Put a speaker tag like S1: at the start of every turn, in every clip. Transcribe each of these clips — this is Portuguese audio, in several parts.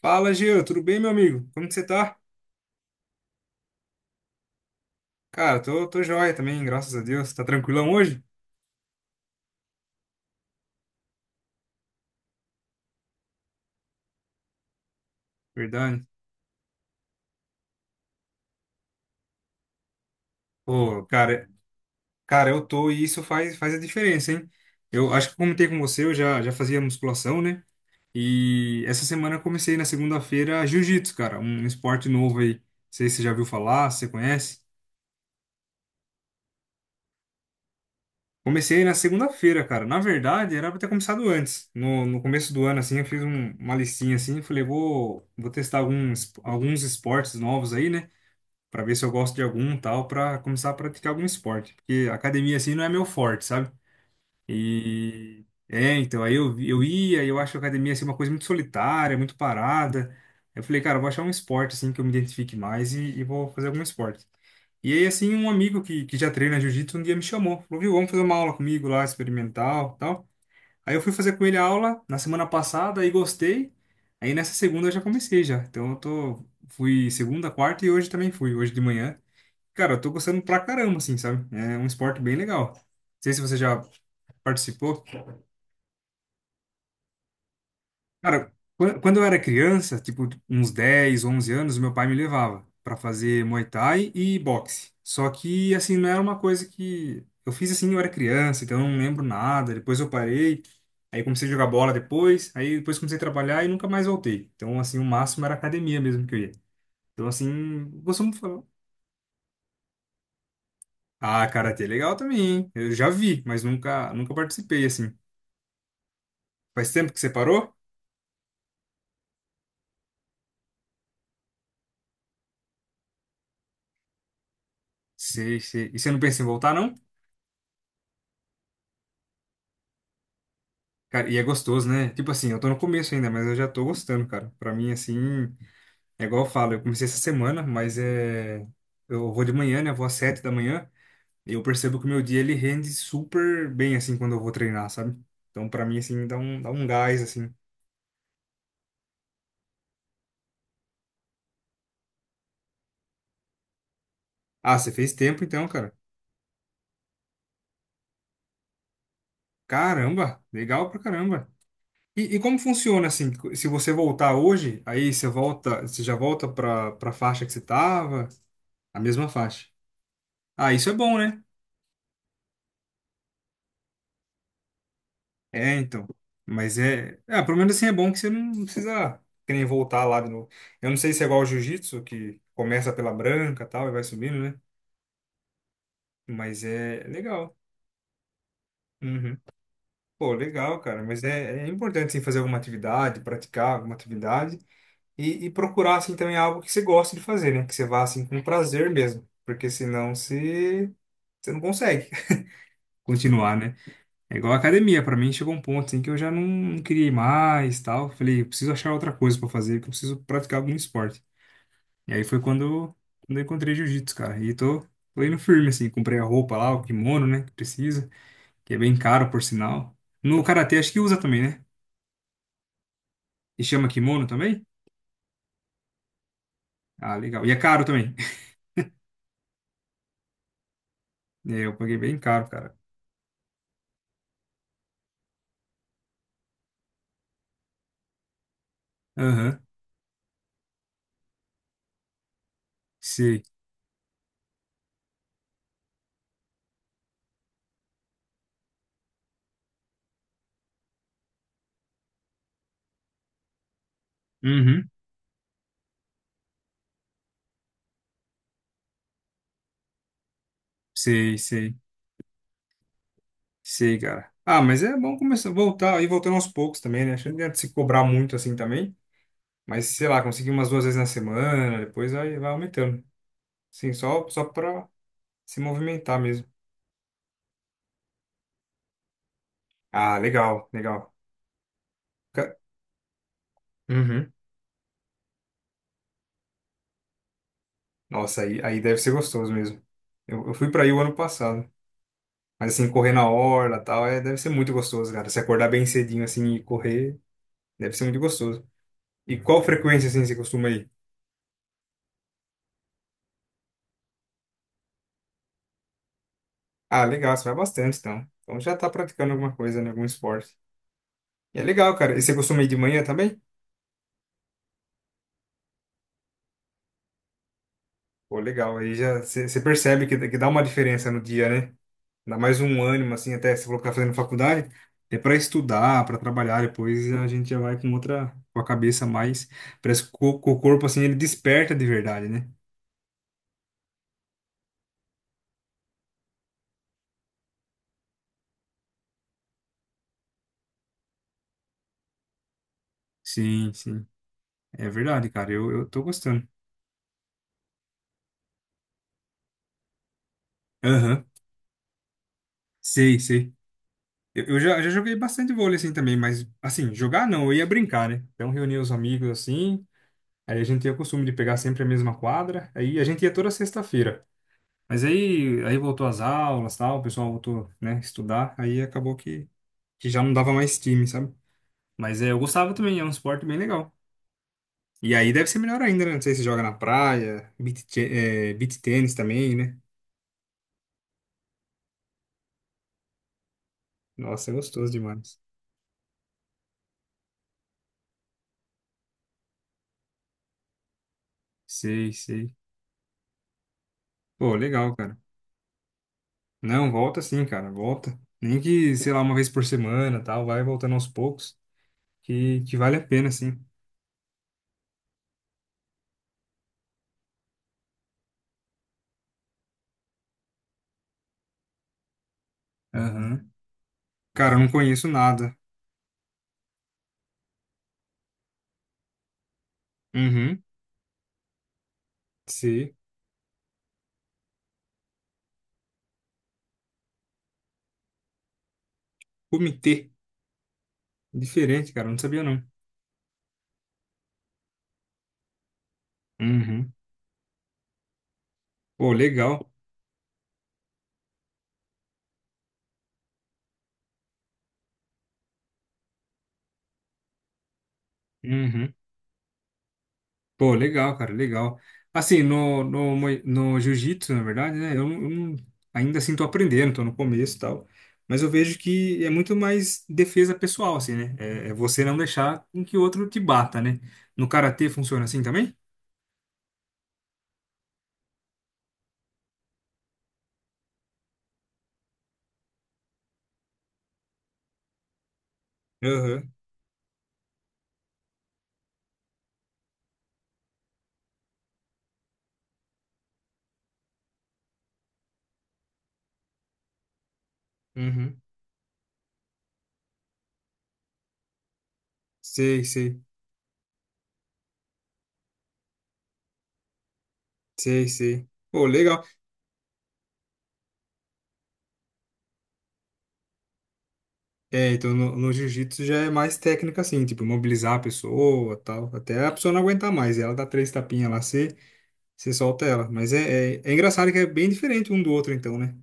S1: Fala, Gil, tudo bem, meu amigo? Como que você tá? Cara, tô joia também, graças a Deus. Tá tranquilão hoje? Verdade. Pô, cara, eu tô e isso faz a diferença, hein? Eu acho que eu comentei com você, eu já fazia musculação, né? E essa semana eu comecei na segunda-feira jiu-jitsu, cara, um esporte novo aí. Não sei se você já viu falar, se você conhece. Comecei na segunda-feira, cara. Na verdade, era pra ter começado antes. No começo do ano, assim, eu fiz uma listinha assim, falei, vou testar alguns esportes novos aí, né? Para ver se eu gosto de algum tal, para começar a praticar algum esporte, porque academia assim não é meu forte, sabe? E é, então aí eu ia, e eu acho a academia assim uma coisa muito solitária, muito parada. Eu falei, cara, eu vou achar um esporte assim que eu me identifique mais e vou fazer algum esporte. E aí assim, um amigo que já treina jiu-jitsu um dia me chamou, falou, viu, vamos fazer uma aula comigo lá, experimental, tal. Aí eu fui fazer com ele a aula na semana passada e gostei. Aí nessa segunda eu já comecei já. Então eu tô fui segunda, quarta e hoje também fui, hoje de manhã. Cara, eu tô gostando pra caramba, assim, sabe? É um esporte bem legal. Não sei se você já participou. Cara, quando eu era criança, tipo, uns 10 11 anos, meu pai me levava pra fazer Muay Thai e boxe. Só que, assim, não era uma coisa que... Eu fiz, assim, eu era criança, então eu não lembro nada. Depois eu parei, aí comecei a jogar bola depois, aí depois comecei a trabalhar e nunca mais voltei. Então, assim, o máximo era academia mesmo que eu ia. Então, assim, costumo falar... Ah, karatê é legal também, hein? Eu já vi, mas nunca participei, assim. Faz tempo que você parou? Sei, sei. E você não pensa em voltar, não? Cara, e é gostoso, né? Tipo assim, eu tô no começo ainda, mas eu já tô gostando, cara. Pra mim, assim, é igual eu falo, eu comecei essa semana, mas é. Eu vou de manhã, né? Eu vou às sete da manhã. E eu percebo que o meu dia ele rende super bem, assim, quando eu vou treinar, sabe? Então, pra mim, assim, dá um gás, assim. Ah, você fez tempo então, cara. Caramba, legal pra caramba. E como funciona assim? Se você voltar hoje, aí você volta, você já volta pra faixa que você tava? A mesma faixa. Ah, isso é bom, né? É, então. Mas é. Ah, pelo menos assim é bom que você não precisa que nem voltar lá de novo. Eu não sei se é igual ao jiu-jitsu, que começa pela branca e tal e vai subindo, né? Mas é legal. Uhum. Pô, legal, cara. Mas é, é importante assim, fazer alguma atividade, praticar alguma atividade e procurar assim também algo que você goste de fazer, né? Que você vá assim com prazer mesmo. Porque senão você não consegue continuar, né? É igual a academia, pra mim chegou um ponto assim que eu já não queria ir mais, tal. Falei, eu preciso achar outra coisa pra fazer, que eu preciso praticar algum esporte. E aí foi quando eu encontrei jiu-jitsu, cara. E tô indo firme assim, comprei a roupa lá, o kimono, né, que precisa, que é bem caro por sinal. No karatê acho que usa também, né? E chama kimono também? Ah, legal. E é caro também. É, eu paguei bem caro, cara. Aham. Sei. Uhum. Sei, sei. Sei, cara. Ah, mas é bom começar a voltar e voltando aos poucos também, né? Acho que não adianta se cobrar muito assim também. Mas, sei lá, consegui umas duas vezes na semana, depois vai aumentando. Sim, só pra se movimentar mesmo. Ah, legal, legal. Ca- Uhum. Nossa, aí deve ser gostoso mesmo. Eu fui pra aí o ano passado. Mas, assim, correr na orla e tal, é, deve ser muito gostoso, cara. Se acordar bem cedinho, assim, e correr, deve ser muito gostoso. E qual frequência, assim, você costuma ir? Ah, legal, você vai bastante, então. Então já tá praticando alguma coisa, né, algum esporte. E é legal, cara. E você costuma ir de manhã também? Pô, legal. Aí já você percebe que dá uma diferença no dia, né? Dá mais um ânimo, assim, até se colocar fazendo faculdade, é para estudar, para trabalhar, depois a gente já vai com outra, com a cabeça mais. Parece que o corpo, assim, ele desperta de verdade, né? Sim, sim. É verdade, cara. Eu tô gostando. Aham, sei, sei. Eu já joguei bastante vôlei, assim, também, mas, assim, jogar não, eu ia brincar, né? Então, reunia os amigos, assim, aí a gente tinha o costume de pegar sempre a mesma quadra, aí a gente ia toda sexta-feira. Mas aí voltou às aulas, tal, o pessoal voltou, né, estudar, aí acabou que já não dava mais time, sabe? Mas é, eu gostava também, é um esporte bem legal. E aí deve ser melhor ainda, né? Não sei se joga na praia, beach tênis também, né? Nossa, é gostoso demais. Sei, sei. Pô, legal, cara. Não, volta sim, cara, volta. Nem que, sei lá, uma vez por semana, tal, vai voltando aos poucos, que vale a pena, sim. Aham. Cara, eu não conheço nada. Uhum, sei. Comitê. Diferente, cara. Eu não sabia, não. Uhum. Pô, legal. Uhum. Pô, legal, cara. Legal. Assim, no jiu-jitsu, na verdade, né? Eu não- Ainda assim tô aprendendo, tô no começo e tal. Mas eu vejo que é muito mais defesa pessoal, assim, né? É, é você não deixar com que o outro te bata, né? No karatê funciona assim também? Aham. Uhum. Sei, sei. Sei, sei. Pô, legal. É, então no jiu-jitsu já é mais técnica assim, tipo, mobilizar a pessoa, tal, até a pessoa não aguentar mais, ela dá três tapinhas lá, você solta ela, mas é engraçado que é bem diferente um do outro então, né?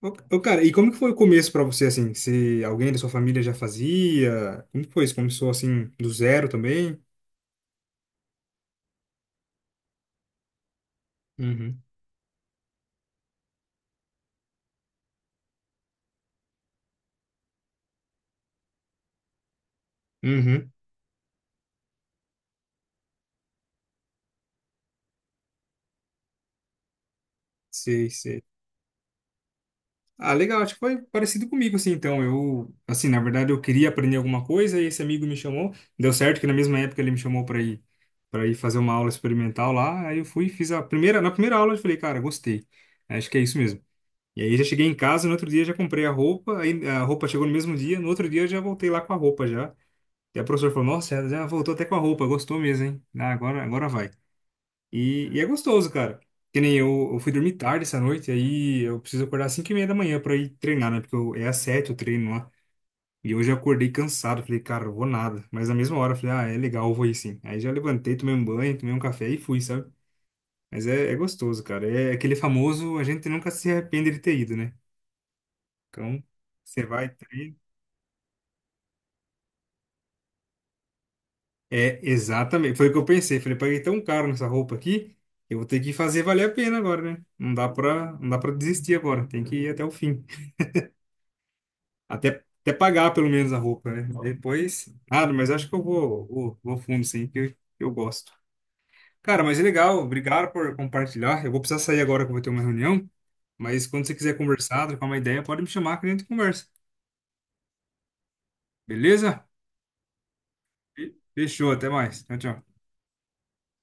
S1: Ô, cara, e como que foi o começo pra você, assim, se alguém da sua família já fazia, como que foi isso? Começou assim, do zero também? Uhum, uhum, sei. Ah, legal, acho que foi parecido comigo, assim, então, eu, assim, na verdade eu queria aprender alguma coisa e esse amigo me chamou, deu certo que na mesma época ele me chamou para ir fazer uma aula experimental lá, aí eu fui, e fiz a primeira, na primeira aula eu falei, cara, gostei, acho que é isso mesmo. E aí já cheguei em casa, no outro dia já comprei a roupa, aí a roupa chegou no mesmo dia, no outro dia eu já voltei lá com a roupa já, e a professora falou, nossa, já voltou até com a roupa, gostou mesmo, hein, ah, agora vai. E é gostoso, cara. Que nem eu fui dormir tarde essa noite, aí eu preciso acordar às 5 e meia da manhã pra ir treinar, né? Porque eu, é às 7 o treino lá. E hoje eu acordei cansado, falei, cara, eu vou nada. Mas na mesma hora eu falei, ah, é legal, eu vou ir sim. Aí já levantei, tomei um banho, tomei um café e fui, sabe? Mas é, é gostoso, cara. É aquele famoso, a gente nunca se arrepende de ter ido, né? Então, você vai, treina. É, exatamente. Foi o que eu pensei. Falei, paguei tão caro nessa roupa aqui, eu vou ter que fazer valer a pena agora, né? Não dá pra desistir agora, tem que ir até o fim. Até pagar pelo menos a roupa, né? Depois. Ah, mas acho que vou fundo, sim, que eu gosto. Cara, mas é legal, obrigado por compartilhar. Eu vou precisar sair agora que eu vou ter uma reunião, mas quando você quiser conversar, trocar uma ideia, pode me chamar que a gente conversa. Beleza? Fechou, até mais. Tchau, tchau.